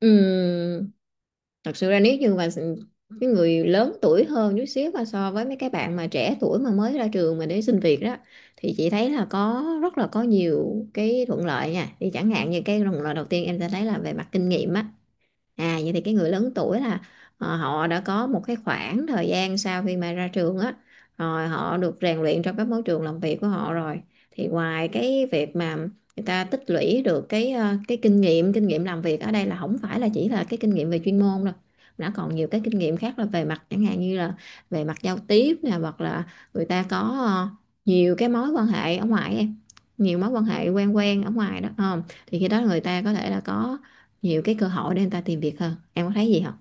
Ừm, Thật sự ra nếu như mà cái người lớn tuổi hơn chút xíu mà so với mấy cái bạn mà trẻ tuổi mà mới ra trường mà để xin việc đó, thì chị thấy là có rất là có nhiều cái thuận lợi nha. Thì chẳng hạn như cái thuận lợi đầu tiên em sẽ thấy là về mặt kinh nghiệm á. À, vậy thì cái người lớn tuổi là họ đã có một cái khoảng thời gian sau khi mà ra trường á, rồi họ được rèn luyện trong các môi trường làm việc của họ rồi. Thì ngoài cái việc mà người ta tích lũy được cái kinh nghiệm làm việc, ở đây là không phải là chỉ là cái kinh nghiệm về chuyên môn đâu, đã còn nhiều cái kinh nghiệm khác là về mặt chẳng hạn như là về mặt giao tiếp nè, hoặc là người ta có ờ, nhiều cái mối quan hệ ở ngoài em, nhiều mối quan hệ quen quen ở ngoài đó. Ờ, thì khi đó người ta có thể là có nhiều cái cơ hội để người ta tìm việc hơn, em có thấy gì không?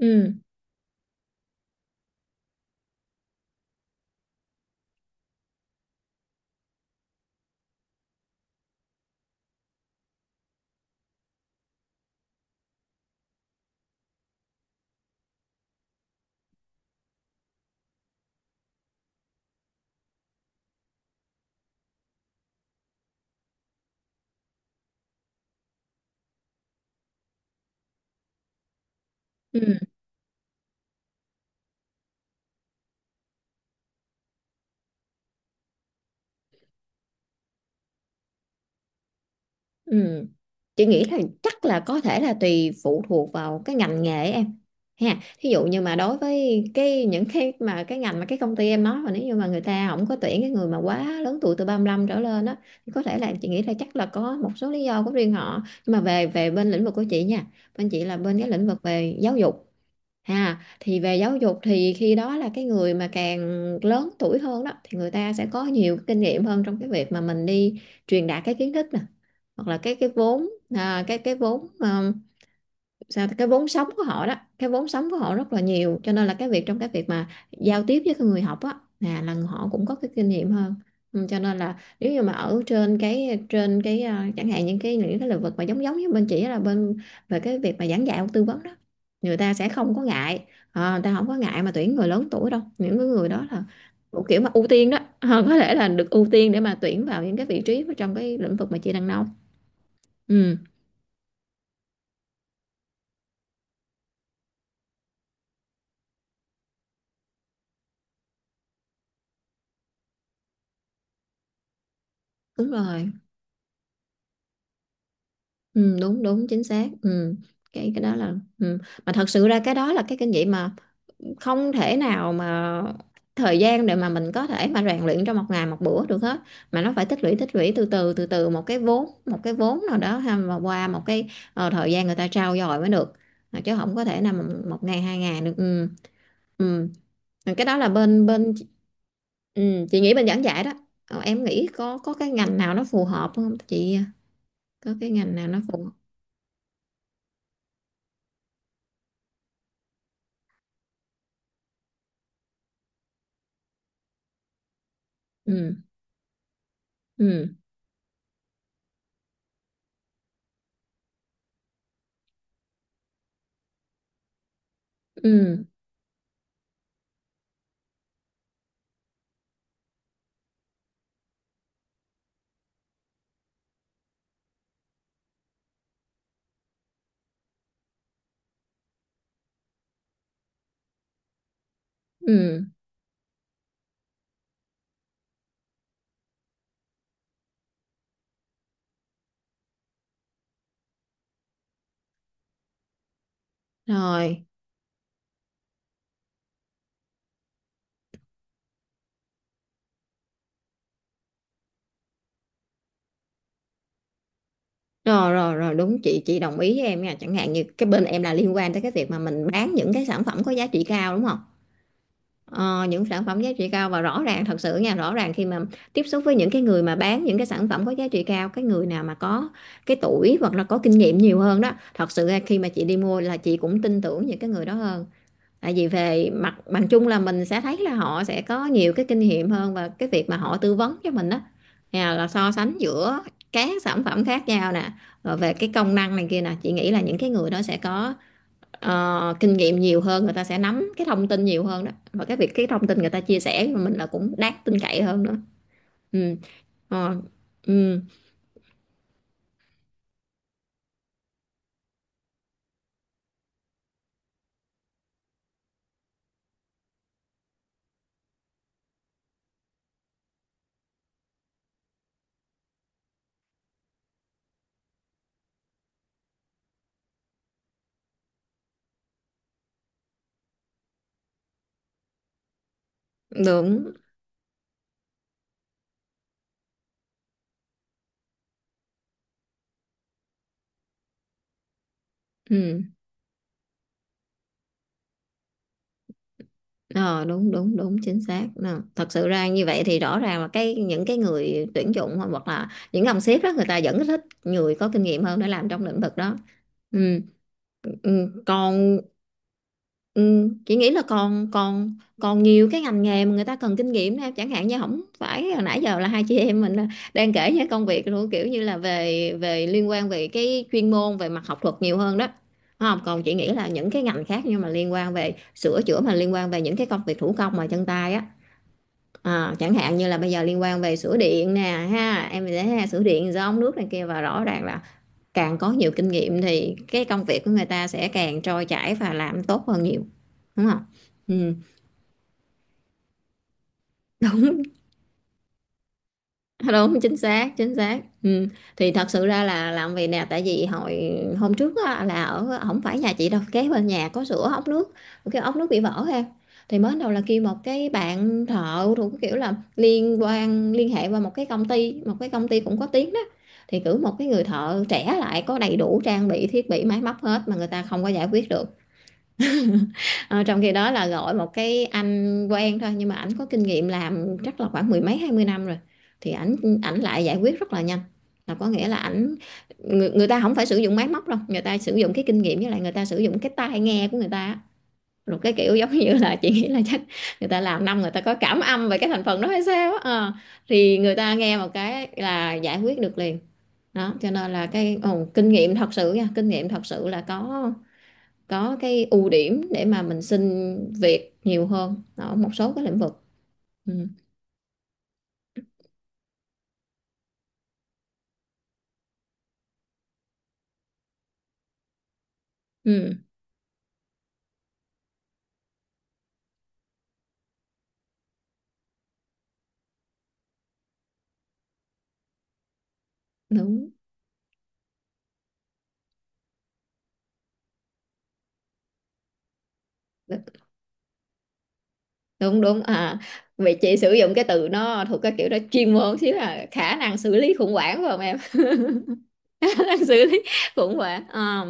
Ừ, ừ, ừ, chị nghĩ là chắc là có thể là tùy phụ thuộc vào cái ngành nghề em ha. Thí dụ như mà đối với cái những cái mà cái ngành mà cái công ty em nói, mà nếu như mà người ta không có tuyển cái người mà quá lớn tuổi từ 35 trở lên đó, thì có thể là chị nghĩ là chắc là có một số lý do của riêng họ. Nhưng mà về về bên lĩnh vực của chị nha, bên chị là bên cái lĩnh vực về giáo dục ha. Thì về giáo dục thì khi đó là cái người mà càng lớn tuổi hơn đó, thì người ta sẽ có nhiều cái kinh nghiệm hơn trong cái việc mà mình đi truyền đạt cái kiến thức nè, hoặc là cái vốn, à, cái vốn sao cái vốn sống của họ đó, cái vốn sống của họ rất là nhiều. Cho nên là cái việc, trong cái việc mà giao tiếp với cái người học á, là họ cũng có cái kinh nghiệm hơn. Ừ, cho nên là nếu như mà ở chẳng hạn những cái lĩnh vực mà giống giống với bên chỉ là bên về cái việc mà giảng dạy hoặc tư vấn đó, người ta sẽ không có ngại. Ờ, người ta không có ngại mà tuyển người lớn tuổi đâu, những cái người đó là thuộc kiểu mà ưu tiên đó. Ờ, có thể là được ưu tiên để mà tuyển vào những cái vị trí trong cái lĩnh vực mà chị đang nông. Ừ, đúng rồi. Ừ, đúng đúng chính xác, ừ. Cái đó là, ừ, mà thật sự ra cái đó là cái kinh nghiệm mà không thể nào mà thời gian để mà mình có thể mà rèn luyện trong một ngày một bữa được hết, mà nó phải tích lũy từ từ từ từ một cái vốn nào đó ha, mà qua một cái thời gian người ta trau dồi mới được. Mà chứ không có thể nào mà một ngày hai ngày được, ừ. Ừ. Cái đó là bên bên, ừ, chị nghĩ bên giảng dạy đó. Ờ, em nghĩ có cái ngành nào nó phù hợp không chị, có cái ngành nào nó phù hợp? Ừ, ừ, ừ, ừ, rồi, rồi, rồi, rồi, đúng chị đồng ý với em nha. Chẳng hạn như cái bên em là liên quan tới cái việc mà mình bán những cái sản phẩm có giá trị cao, đúng không? Ờ, những sản phẩm giá trị cao và rõ ràng, thật sự nha, rõ ràng khi mà tiếp xúc với những cái người mà bán những cái sản phẩm có giá trị cao, cái người nào mà có cái tuổi hoặc là có kinh nghiệm nhiều hơn đó, thật sự ra khi mà chị đi mua là chị cũng tin tưởng những cái người đó hơn. Tại vì về mặt bằng chung là mình sẽ thấy là họ sẽ có nhiều cái kinh nghiệm hơn, và cái việc mà họ tư vấn cho mình đó, nhà là so sánh giữa các sản phẩm khác nhau nè, rồi về cái công năng này kia nè, chị nghĩ là những cái người đó sẽ có kinh nghiệm nhiều hơn, người ta sẽ nắm cái thông tin nhiều hơn đó, và cái việc cái thông tin người ta chia sẻ với mình là cũng đáng tin cậy hơn nữa. Ừ, ờ, ừ, đúng, ừ. Ờ, đúng đúng đúng chính xác. Ờ, thật sự ra như vậy thì rõ ràng là cái những cái người tuyển dụng hoặc là những ông sếp đó, người ta vẫn thích người có kinh nghiệm hơn để làm trong lĩnh vực đó. Ừ, ừ, còn, ừ, chị nghĩ là còn còn còn nhiều cái ngành nghề mà người ta cần kinh nghiệm đó em. Chẳng hạn như không phải hồi nãy giờ là hai chị em mình đang kể những công việc luôn, kiểu như là về về liên quan về cái chuyên môn về mặt học thuật nhiều hơn đó, đúng không? Còn chị nghĩ là những cái ngành khác nhưng mà liên quan về sửa chữa, mà liên quan về những cái công việc thủ công mà chân tay á. Ờ, chẳng hạn như là bây giờ liên quan về sửa điện nè ha, em thấy ha, sửa điện do ống nước này kia, và rõ ràng là càng có nhiều kinh nghiệm thì cái công việc của người ta sẽ càng trôi chảy và làm tốt hơn nhiều, đúng không? Ừ. Đúng, chính xác chính xác, ừ. Thì thật sự ra là làm vì nè, tại vì hồi hôm trước á, là ở không phải nhà chị đâu, kế bên nhà có sửa ốc nước, cái ốc nước bị vỡ ha. Thì mới đầu là kêu một cái bạn thợ thuộc kiểu là liên quan, liên hệ qua một cái công ty, một cái công ty cũng có tiếng đó, thì cử một cái người thợ trẻ lại, có đầy đủ trang bị thiết bị máy móc hết mà người ta không có giải quyết được. Ờ, trong khi đó là gọi một cái anh quen thôi, nhưng mà ảnh có kinh nghiệm làm chắc là khoảng mười mấy 20 năm rồi, thì ảnh ảnh lại giải quyết rất là nhanh. Là có nghĩa là ảnh, người ta không phải sử dụng máy móc đâu, người ta sử dụng cái kinh nghiệm, với lại người ta sử dụng cái tai nghe của người ta á. Rồi cái kiểu giống như là chị nghĩ là chắc người ta làm năm, người ta có cảm âm về cái thành phần đó hay sao á. Ờ, thì người ta nghe một cái là giải quyết được liền. Đó, cho nên là cái kinh nghiệm thật sự nha, kinh nghiệm thật sự là có cái ưu điểm để mà mình xin việc nhiều hơn ở một số cái lĩnh vực. Ừ. Ừ. Đúng đúng đúng à, vậy chị sử dụng cái từ nó thuộc cái kiểu đó, chuyên môn xíu, là khả năng xử lý khủng hoảng, phải không em? Khả năng xử lý khủng hoảng. Ờ.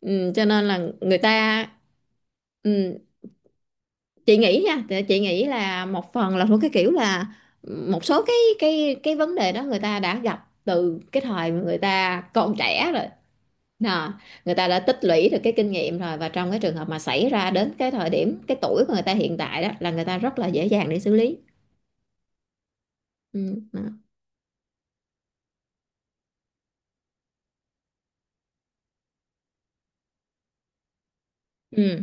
Ừ, cho nên là người ta, ừ, chị nghĩ nha, thì chị nghĩ là một phần là thuộc cái kiểu là một số cái vấn đề đó người ta đã gặp từ cái thời mà người ta còn trẻ rồi. Nà, người ta đã tích lũy được cái kinh nghiệm rồi, và trong cái trường hợp mà xảy ra đến cái thời điểm cái tuổi của người ta hiện tại đó, là người ta rất là dễ dàng để xử lý. Ừ, đó. Ừ.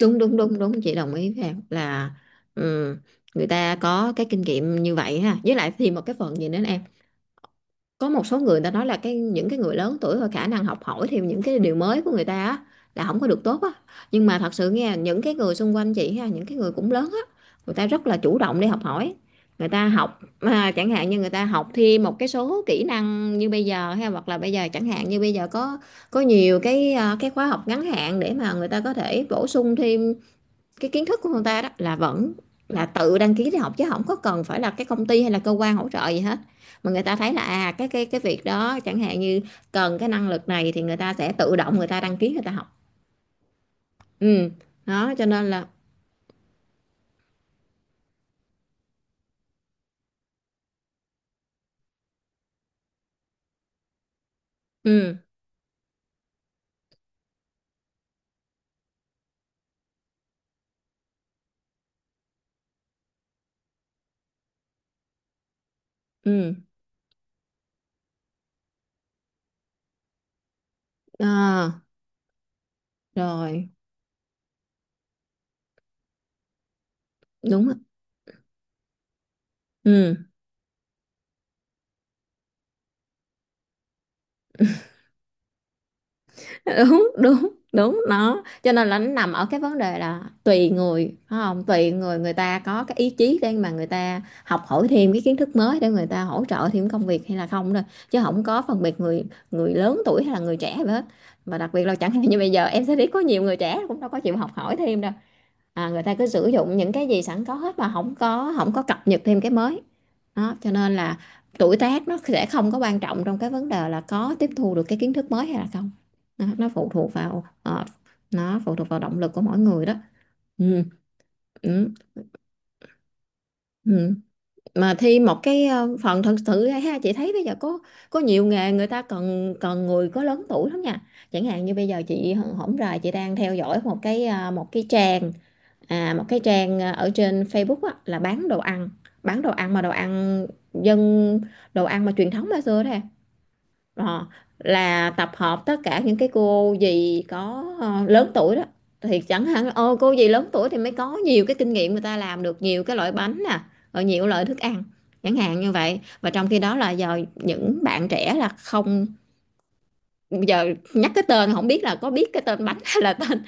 Đúng đúng đúng đúng, chị đồng ý với em là, ừ, người ta có cái kinh nghiệm như vậy ha, với lại thì một cái phần gì nữa, có một số người ta nói là những cái người lớn tuổi và khả năng học hỏi thêm những cái điều mới của người ta á là không có được tốt á. Nhưng mà thật sự nghe những cái người xung quanh chị ha, những cái người cũng lớn á, người ta rất là chủ động để học hỏi. Người ta học chẳng hạn như người ta học thêm một cái số kỹ năng như bây giờ ha, hoặc là bây giờ chẳng hạn như bây giờ có nhiều cái, cái khóa học ngắn hạn để mà người ta có thể bổ sung thêm cái kiến thức của người ta đó, là vẫn là tự đăng ký để học, chứ không có cần phải là cái công ty hay là cơ quan hỗ trợ gì hết. Mà người ta thấy là à cái việc đó chẳng hạn như cần cái năng lực này, thì người ta sẽ tự động người ta đăng ký người ta học. Ừ, đó cho nên là ừ ừ, à, rồi đúng á. Ừ đúng đúng đúng, nó cho nên là nó nằm ở cái vấn đề là tùy người, phải không, tùy người người ta có cái ý chí để mà người ta học hỏi thêm cái kiến thức mới để người ta hỗ trợ thêm công việc hay là không thôi, chứ không có phân biệt người người lớn tuổi hay là người trẻ gì hết. Mà đặc biệt là chẳng hạn như bây giờ em sẽ thấy có nhiều người trẻ cũng đâu có chịu học hỏi thêm đâu. Người ta cứ sử dụng những cái gì sẵn có hết, mà không có cập nhật thêm cái mới. Đó cho nên là tuổi tác nó sẽ không có quan trọng trong cái vấn đề là có tiếp thu được cái kiến thức mới hay là không. Nó phụ thuộc vào nó phụ thuộc vào động lực của mỗi người đó. Ừ, ừ, ừ. Mà thi một cái phần thật sự ra ha, chị thấy bây giờ có nhiều nghề người ta cần cần người có lớn tuổi lắm nha. Chẳng hạn như bây giờ chị hổng rày chị đang theo dõi một cái, một cái trang. À, một cái trang, ở trên Facebook á, là bán đồ ăn mà đồ ăn dân đồ ăn mà truyền thống ngày xưa đó em. Ờ, là tập hợp tất cả những cái cô dì có lớn tuổi đó. Thì chẳng hạn ô cô dì lớn tuổi thì mới có nhiều cái kinh nghiệm, người ta làm được nhiều cái loại bánh nè, rồi nhiều loại thức ăn. Chẳng hạn như vậy. Và trong khi đó là giờ những bạn trẻ là không, giờ nhắc cái tên không biết là có biết cái tên bánh hay là tên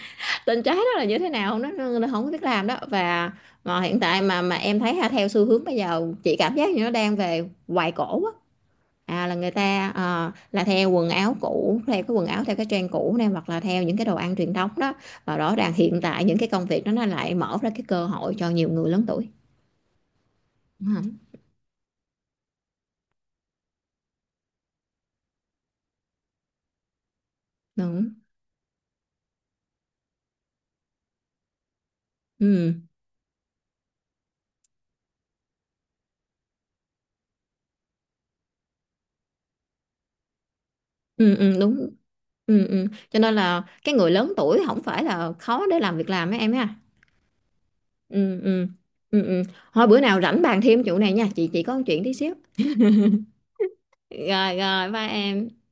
tình trái đó là như thế nào, nó không có biết làm đó. Và mà hiện tại mà em thấy ha, theo xu hướng bây giờ chị cảm giác như nó đang về hoài cổ á. À là người ta là theo quần áo cũ, theo cái quần áo theo cái trend cũ này, hoặc là theo những cái đồ ăn truyền thống đó. Và rõ ràng hiện tại những cái công việc đó nó lại mở ra cái cơ hội cho nhiều người lớn tuổi, đúng không? Đúng, ừ ừ, ừ đúng, ừ, ừ. Cho nên là cái người lớn tuổi không phải là khó để làm việc làm ấy em ha. Ừ ừ ừ ừ, thôi bữa nào rảnh bàn thêm chỗ này nha, chị có một chuyện tí xíu. Rồi rồi ba em.